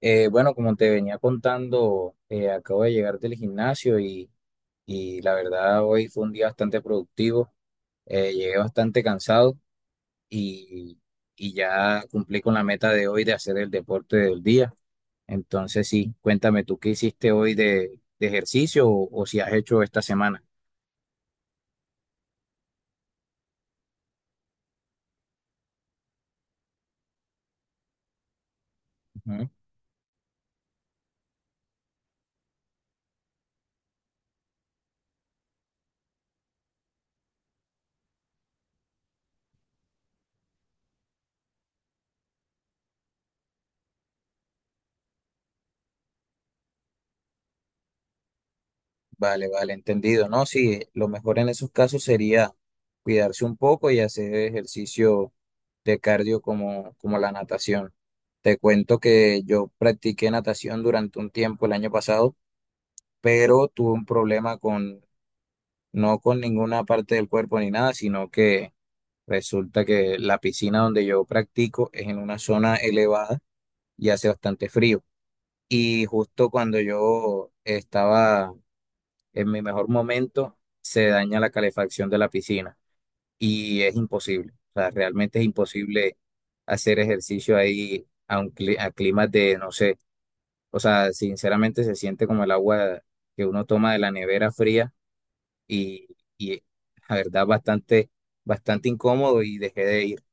Bueno, como te venía contando, acabo de llegar del gimnasio y la verdad hoy fue un día bastante productivo. Llegué bastante cansado y, y ya cumplí con la meta de hoy de hacer el deporte del día. Entonces, sí, cuéntame tú qué hiciste hoy de ejercicio o si has hecho esta semana. Ujú. Vale, vale, entendido, ¿no? Sí, lo mejor en esos casos sería cuidarse un poco y hacer ejercicio de cardio como la natación. Te cuento que yo practiqué natación durante un tiempo el año pasado, pero tuve un problema no con ninguna parte del cuerpo ni nada, sino que resulta que la piscina donde yo practico es en una zona elevada y hace bastante frío. Y justo cuando yo estaba en mi mejor momento se daña la calefacción de la piscina y es imposible. O sea, realmente es imposible hacer ejercicio ahí a un a climas de, no sé, o sea, sinceramente se siente como el agua que uno toma de la nevera fría y, y la verdad bastante incómodo y dejé de ir.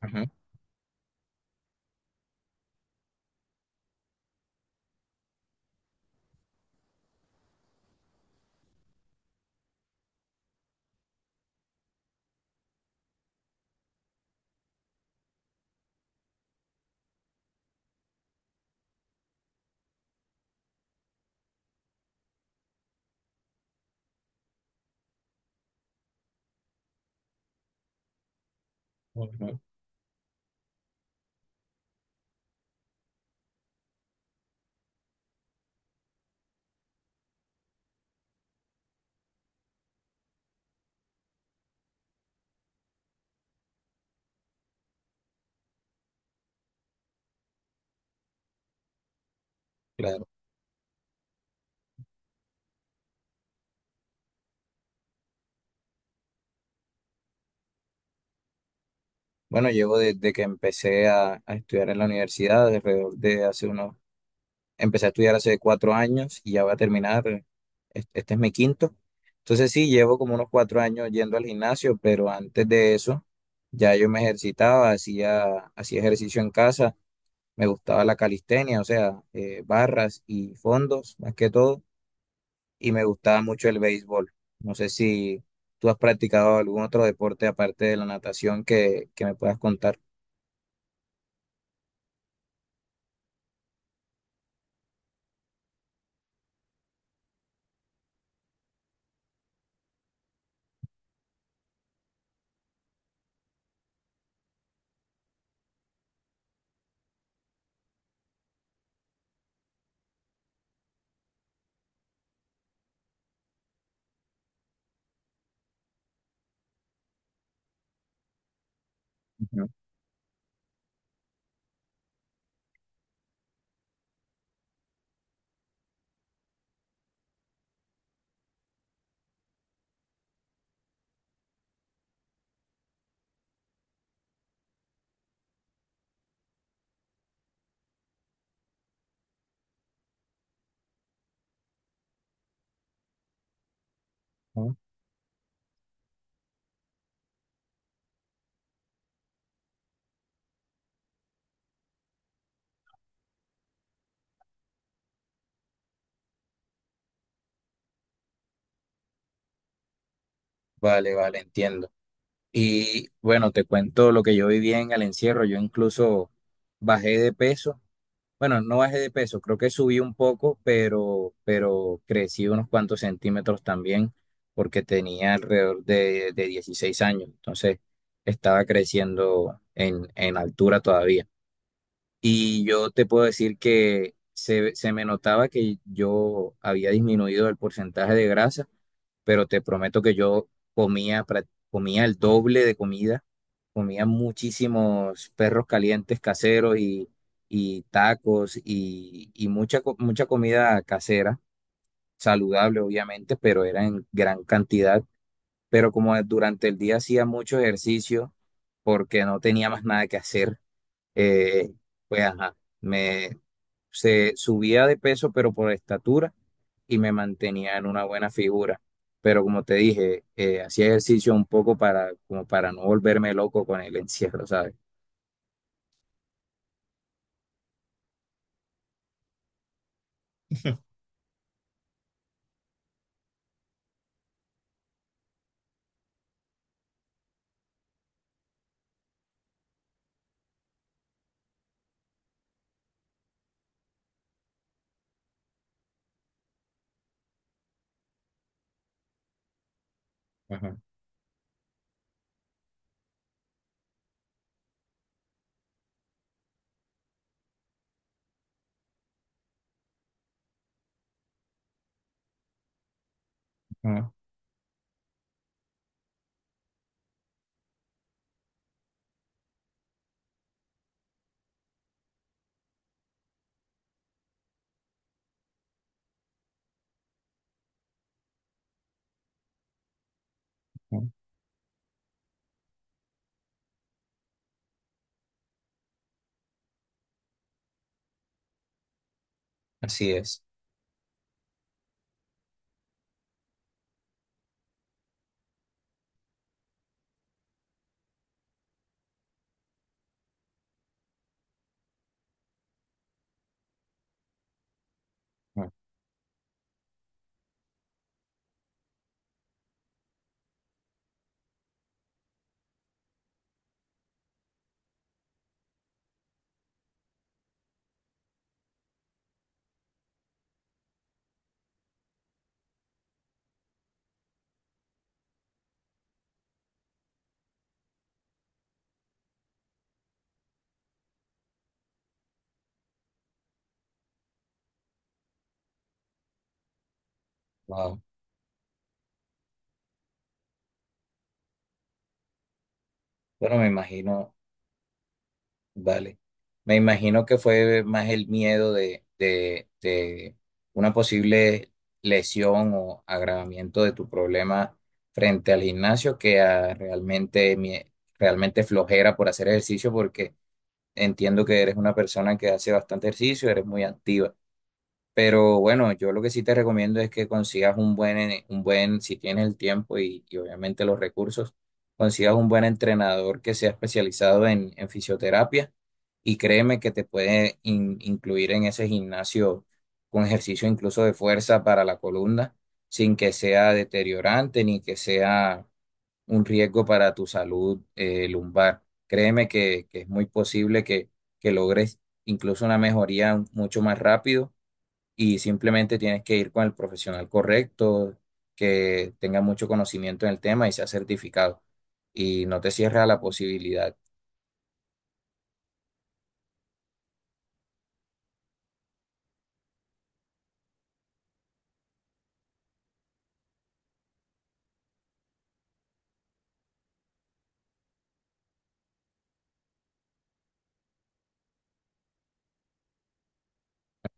Ajá, ujú, claro. Bueno, llevo desde que empecé a estudiar en la universidad, alrededor de hace unos. Empecé a estudiar hace 4 años y ya voy a terminar. Este es mi quinto. Entonces sí, llevo como unos 4 años yendo al gimnasio, pero antes de eso ya yo me ejercitaba, hacía ejercicio en casa, me gustaba la calistenia, o sea, barras y fondos más que todo, y me gustaba mucho el béisbol. No sé si tú has practicado algún otro deporte aparte de la natación que me puedas contar. Ujú. Vale, vale, entiendo. Y bueno, te cuento lo que yo viví en el encierro. Yo incluso bajé de peso. Bueno, no bajé de peso, creo que subí un poco, pero crecí unos cuantos centímetros también, porque tenía alrededor de 16 años. Entonces, estaba creciendo en altura todavía. Y yo te puedo decir que se me notaba que yo había disminuido el porcentaje de grasa, pero te prometo que yo comía el doble de comida, comía muchísimos perros calientes caseros y tacos y mucha, mucha comida casera, saludable obviamente, pero era en gran cantidad. Pero como durante el día hacía mucho ejercicio porque no tenía más nada que hacer, eh, pues ajá, me se subía de peso, pero por estatura y me mantenía en una buena figura. Pero como te dije, hacía ejercicio un poco como para no volverme loco con el encierro, ¿sabes? Ajá, ajá, ajá. Así es. Wow. Bueno, me imagino. Vale. Me imagino que fue más el miedo de una posible lesión o agravamiento de tu problema frente al gimnasio que a realmente, realmente flojera por hacer ejercicio, porque entiendo que eres una persona que hace bastante ejercicio, eres muy activa. Pero bueno, yo lo que sí te recomiendo es que consigas un un buen, si tienes el tiempo y obviamente los recursos, consigas un buen entrenador que sea especializado en fisioterapia y créeme que te puede incluir en ese gimnasio con ejercicio incluso de fuerza para la columna, sin que sea deteriorante ni que sea un riesgo para tu salud lumbar. Créeme que es muy posible que logres incluso una mejoría mucho más rápido y simplemente tienes que ir con el profesional correcto, que tenga mucho conocimiento en el tema y sea certificado. Y no te cierres a la posibilidad.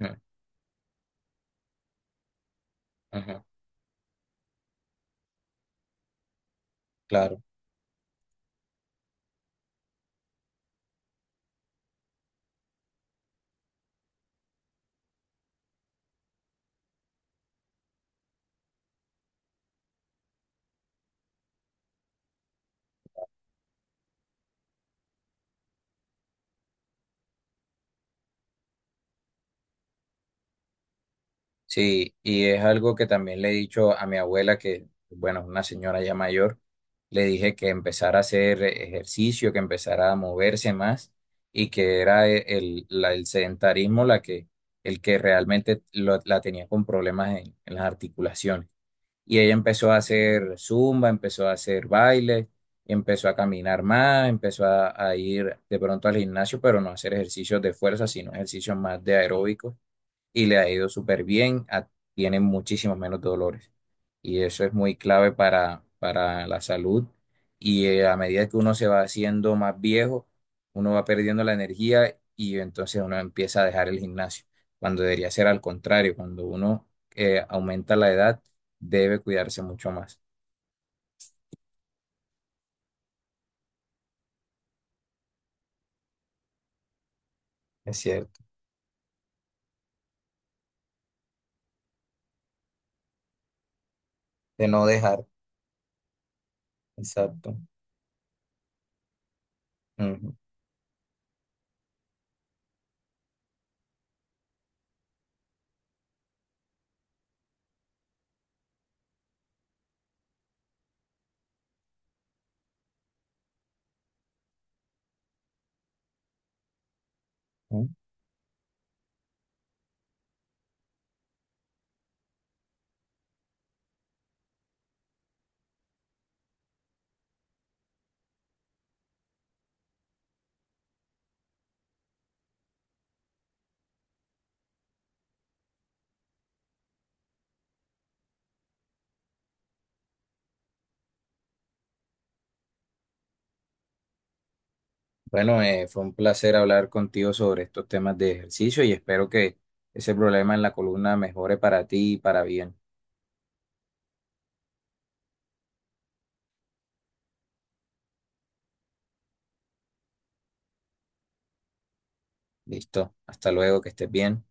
Ujú, ujú, claro. Sí, y es algo que también le he dicho a mi abuela, que, bueno, es una señora ya mayor, le dije que empezara a hacer ejercicio, que empezara a moverse más y que era el sedentarismo el que realmente la tenía con problemas en las articulaciones. Y ella empezó a hacer zumba, empezó a hacer baile, empezó a caminar más, empezó a ir de pronto al gimnasio, pero no hacer ejercicios de fuerza, sino ejercicios más de aeróbicos y le ha ido súper bien, tiene muchísimos menos dolores. Y eso es muy clave para la salud. Y a medida que uno se va haciendo más viejo, uno va perdiendo la energía y entonces uno empieza a dejar el gimnasio, cuando debería ser al contrario, cuando uno aumenta la edad, debe cuidarse mucho más. Es cierto, de no dejar. Exacto. Ujú. Bueno, fue un placer hablar contigo sobre estos temas de ejercicio y espero que ese problema en la columna mejore para ti y para bien. Listo, hasta luego, que estés bien.